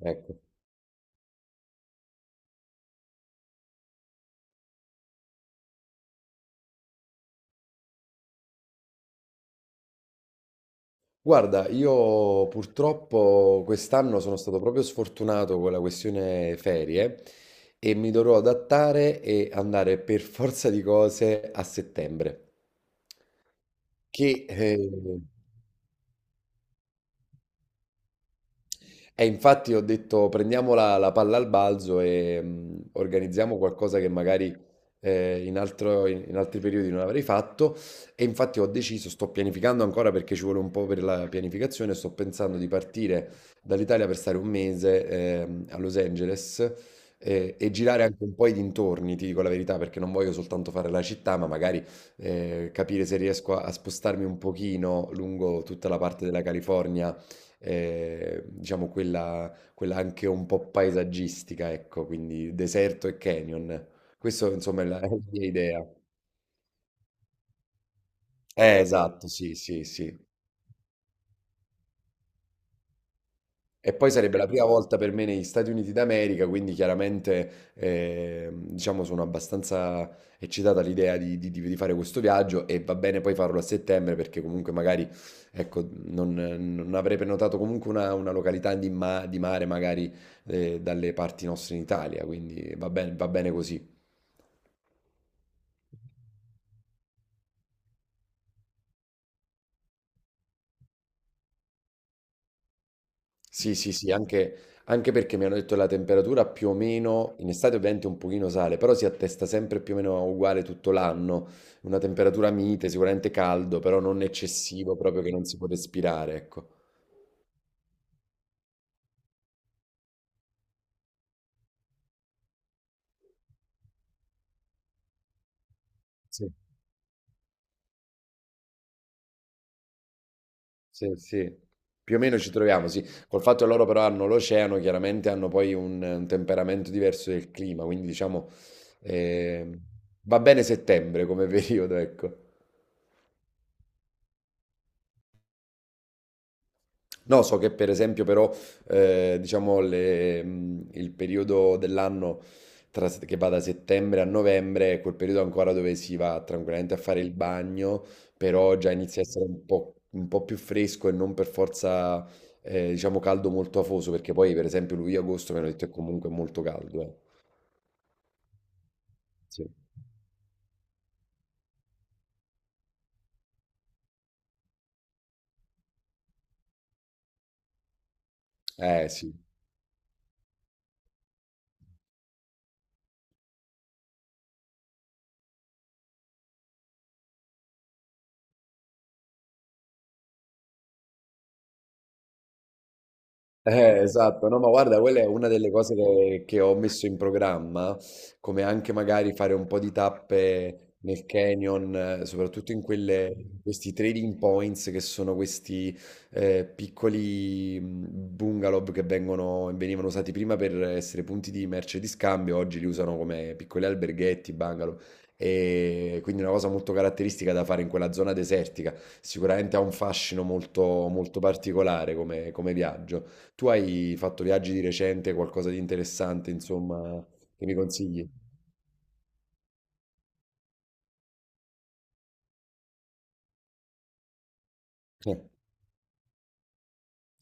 Ecco. Guarda, io purtroppo quest'anno sono stato proprio sfortunato con la questione ferie e mi dovrò adattare e andare per forza di cose a settembre, che e infatti ho detto prendiamo la palla al balzo e organizziamo qualcosa che magari in altri periodi non avrei fatto. E infatti ho deciso, sto pianificando ancora perché ci vuole un po' per la pianificazione, sto pensando di partire dall'Italia per stare un mese a Los Angeles, e girare anche un po' i dintorni, ti dico la verità, perché non voglio soltanto fare la città, ma magari capire se riesco a spostarmi un pochino lungo tutta la parte della California, diciamo quella anche un po' paesaggistica, ecco, quindi deserto e canyon. Questo insomma è la mia idea. Esatto, sì, sì, sì. E poi sarebbe la prima volta per me negli Stati Uniti d'America, quindi chiaramente, diciamo, sono abbastanza eccitata all'idea di fare questo viaggio e va bene poi farlo a settembre perché comunque magari ecco, non, non avrei prenotato comunque una località di mare magari dalle parti nostre in Italia, quindi va bene così. Sì, sì, sì, anche, anche perché mi hanno detto la temperatura più o meno, in estate ovviamente un pochino sale, però si attesta sempre più o meno uguale tutto l'anno, una temperatura mite, sicuramente caldo, però non eccessivo, proprio che non si può respirare, ecco. Sì, sì, sì. Più o meno ci troviamo, sì. Col fatto che loro però hanno l'oceano, chiaramente hanno poi un temperamento diverso del clima, quindi diciamo eh, va bene settembre come periodo, ecco. No, so che per esempio però, diciamo, il periodo dell'anno che va da settembre a novembre è quel periodo ancora dove si va tranquillamente a fare il bagno, però già inizia a essere un po' più fresco e non per forza, diciamo, caldo molto afoso, perché poi per esempio luglio-agosto, mi hanno detto, è comunque molto caldo. Sì, Eh, sì. Esatto, no, ma guarda, quella è una delle cose che ho messo in programma, come anche magari fare un po' di tappe nel canyon, soprattutto in quelle, questi trading points che sono questi piccoli bungalow venivano usati prima per essere punti di merce di scambio, oggi li usano come piccoli alberghetti, bungalow, e quindi una cosa molto caratteristica da fare in quella zona desertica, sicuramente ha un fascino molto, molto particolare come viaggio. Tu hai fatto viaggi di recente, qualcosa di interessante, insomma, che mi consigli? Eh.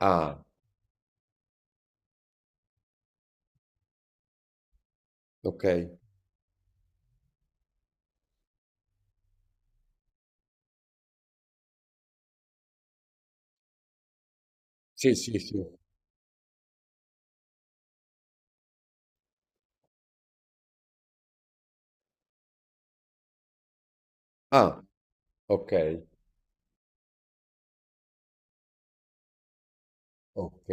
Ah, ok. Sì, sì, sì. Ah, ok, ok.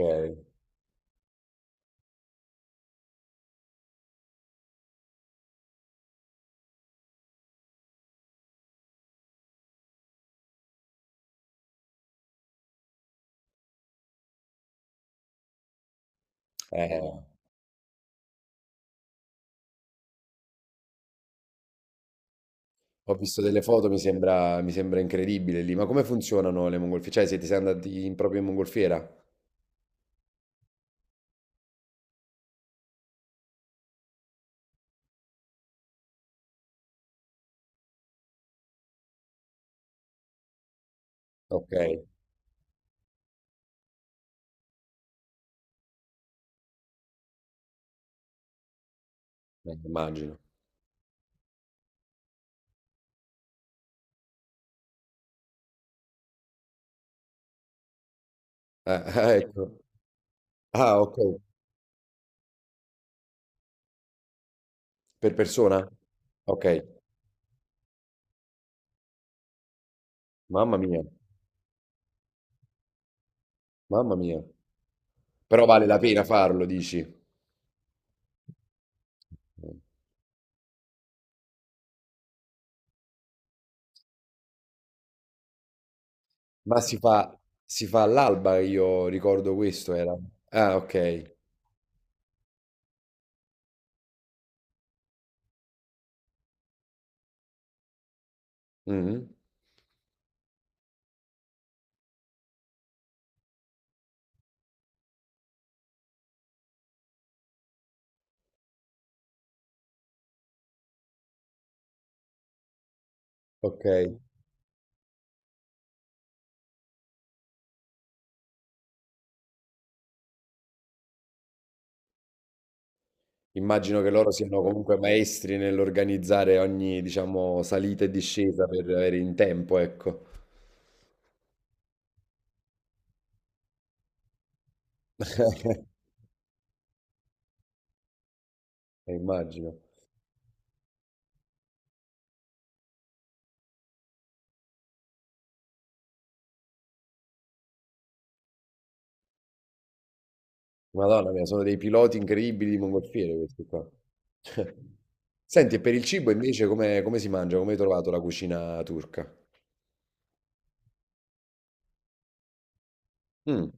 Eh, ho visto delle foto, mi sembra incredibile lì. Ma come funzionano le mongolfiere? Cioè, siete andati proprio in mongolfiera? Ok, immagino. Eh, ecco. Ah, ok. Per persona? Ok. Mamma mia, mamma mia. Però vale la pena farlo, dici? Ma si fa all'alba, io ricordo questo era. Ah, ok. Mhm. Ok. Immagino che loro siano comunque maestri nell'organizzare ogni, diciamo, salita e discesa per avere in tempo, ecco. Immagino. Madonna mia, sono dei piloti incredibili di mongolfiere questi qua. Senti, e per il cibo invece come, come si mangia? Come hai trovato la cucina turca? Mm.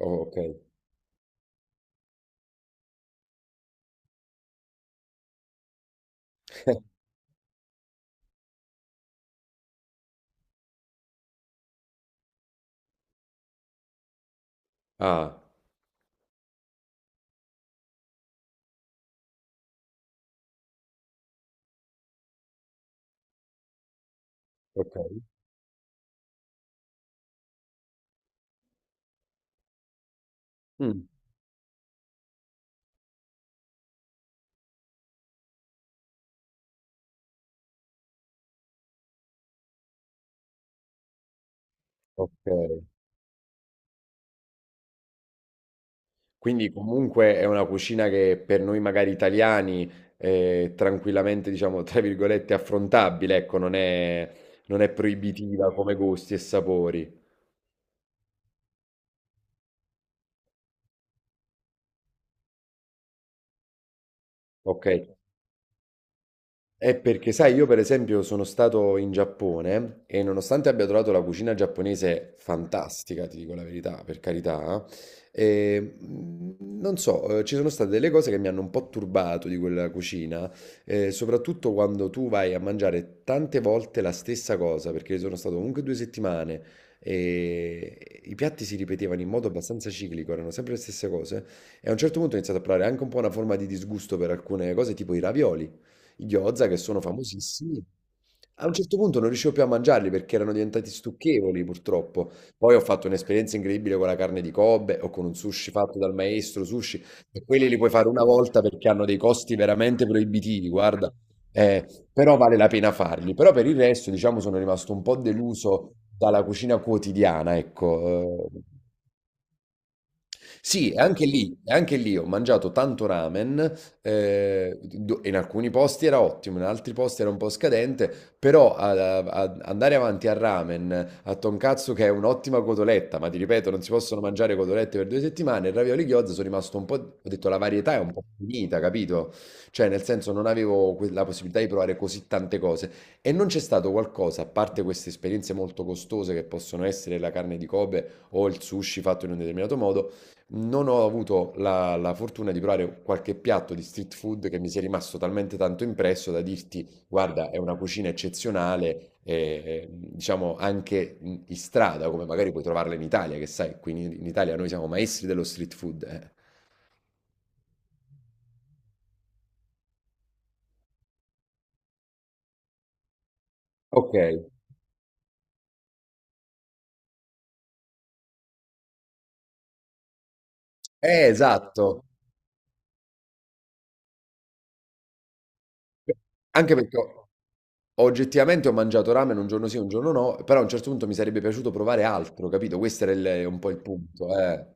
Oh, ok. Ah, ok. Mm. Ok. Quindi comunque è una cucina che per noi magari italiani è tranquillamente, diciamo, tra virgolette, affrontabile, ecco, non è, non è proibitiva come gusti e sapori. Ok, è perché, sai, io per esempio sono stato in Giappone e nonostante abbia trovato la cucina giapponese fantastica, ti dico la verità, per carità, non so, ci sono state delle cose che mi hanno un po' turbato di quella cucina, soprattutto quando tu vai a mangiare tante volte la stessa cosa, perché sono stato comunque 2 settimane e i piatti si ripetevano in modo abbastanza ciclico, erano sempre le stesse cose, e a un certo punto ho iniziato a provare anche un po' una forma di disgusto per alcune cose, tipo i ravioli i gyoza che sono famosissimi. A un certo punto non riuscivo più a mangiarli perché erano diventati stucchevoli, purtroppo. Poi ho fatto un'esperienza incredibile con la carne di Kobe o con un sushi fatto dal maestro sushi, e quelli li puoi fare una volta perché hanno dei costi veramente proibitivi, guarda. Eh, però vale la pena farli. Però per il resto, diciamo, sono rimasto un po' deluso dalla cucina quotidiana, ecco. Eh, sì, e anche lì ho mangiato tanto ramen, do in alcuni posti era ottimo, in altri posti era un po' scadente, però ad a andare avanti al ramen, a tonkatsu che è un'ottima cotoletta, ma ti ripeto non si possono mangiare cotolette per 2 settimane, e ravioli gyoza sono rimasto un po', ho detto la varietà è un po' finita, capito, cioè nel senso non avevo que la possibilità di provare così tante cose e non c'è stato qualcosa, a parte queste esperienze molto costose che possono essere la carne di Kobe o il sushi fatto in un determinato modo, non ho avuto la fortuna di provare qualche piatto di street food che mi sia rimasto talmente tanto impresso da dirti, guarda, è una cucina eccezionale, diciamo anche in strada, come magari puoi trovarla in Italia, che sai, qui in Italia noi siamo maestri dello street food. Eh. Ok, esatto. Anche perché ho- Oggettivamente ho mangiato ramen un giorno sì, un giorno no, però a un certo punto mi sarebbe piaciuto provare altro, capito? Un po' il punto, eh.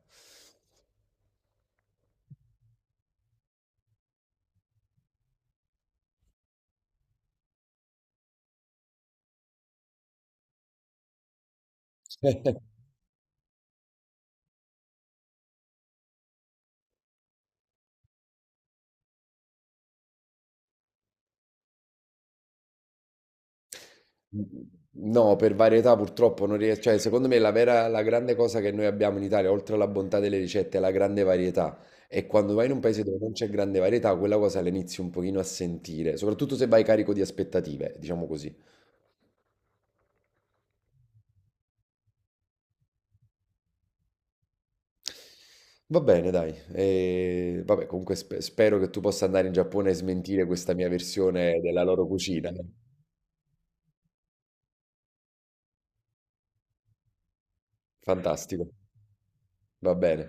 No, per varietà purtroppo non riesco, cioè secondo me la grande cosa che noi abbiamo in Italia, oltre alla bontà delle ricette, è la grande varietà. E quando vai in un paese dove non c'è grande varietà, quella cosa la inizi un pochino a sentire, soprattutto se vai carico di aspettative, diciamo così. Va bene, dai. E, vabbè, comunque spero che tu possa andare in Giappone e smentire questa mia versione della loro cucina. Fantastico, va bene.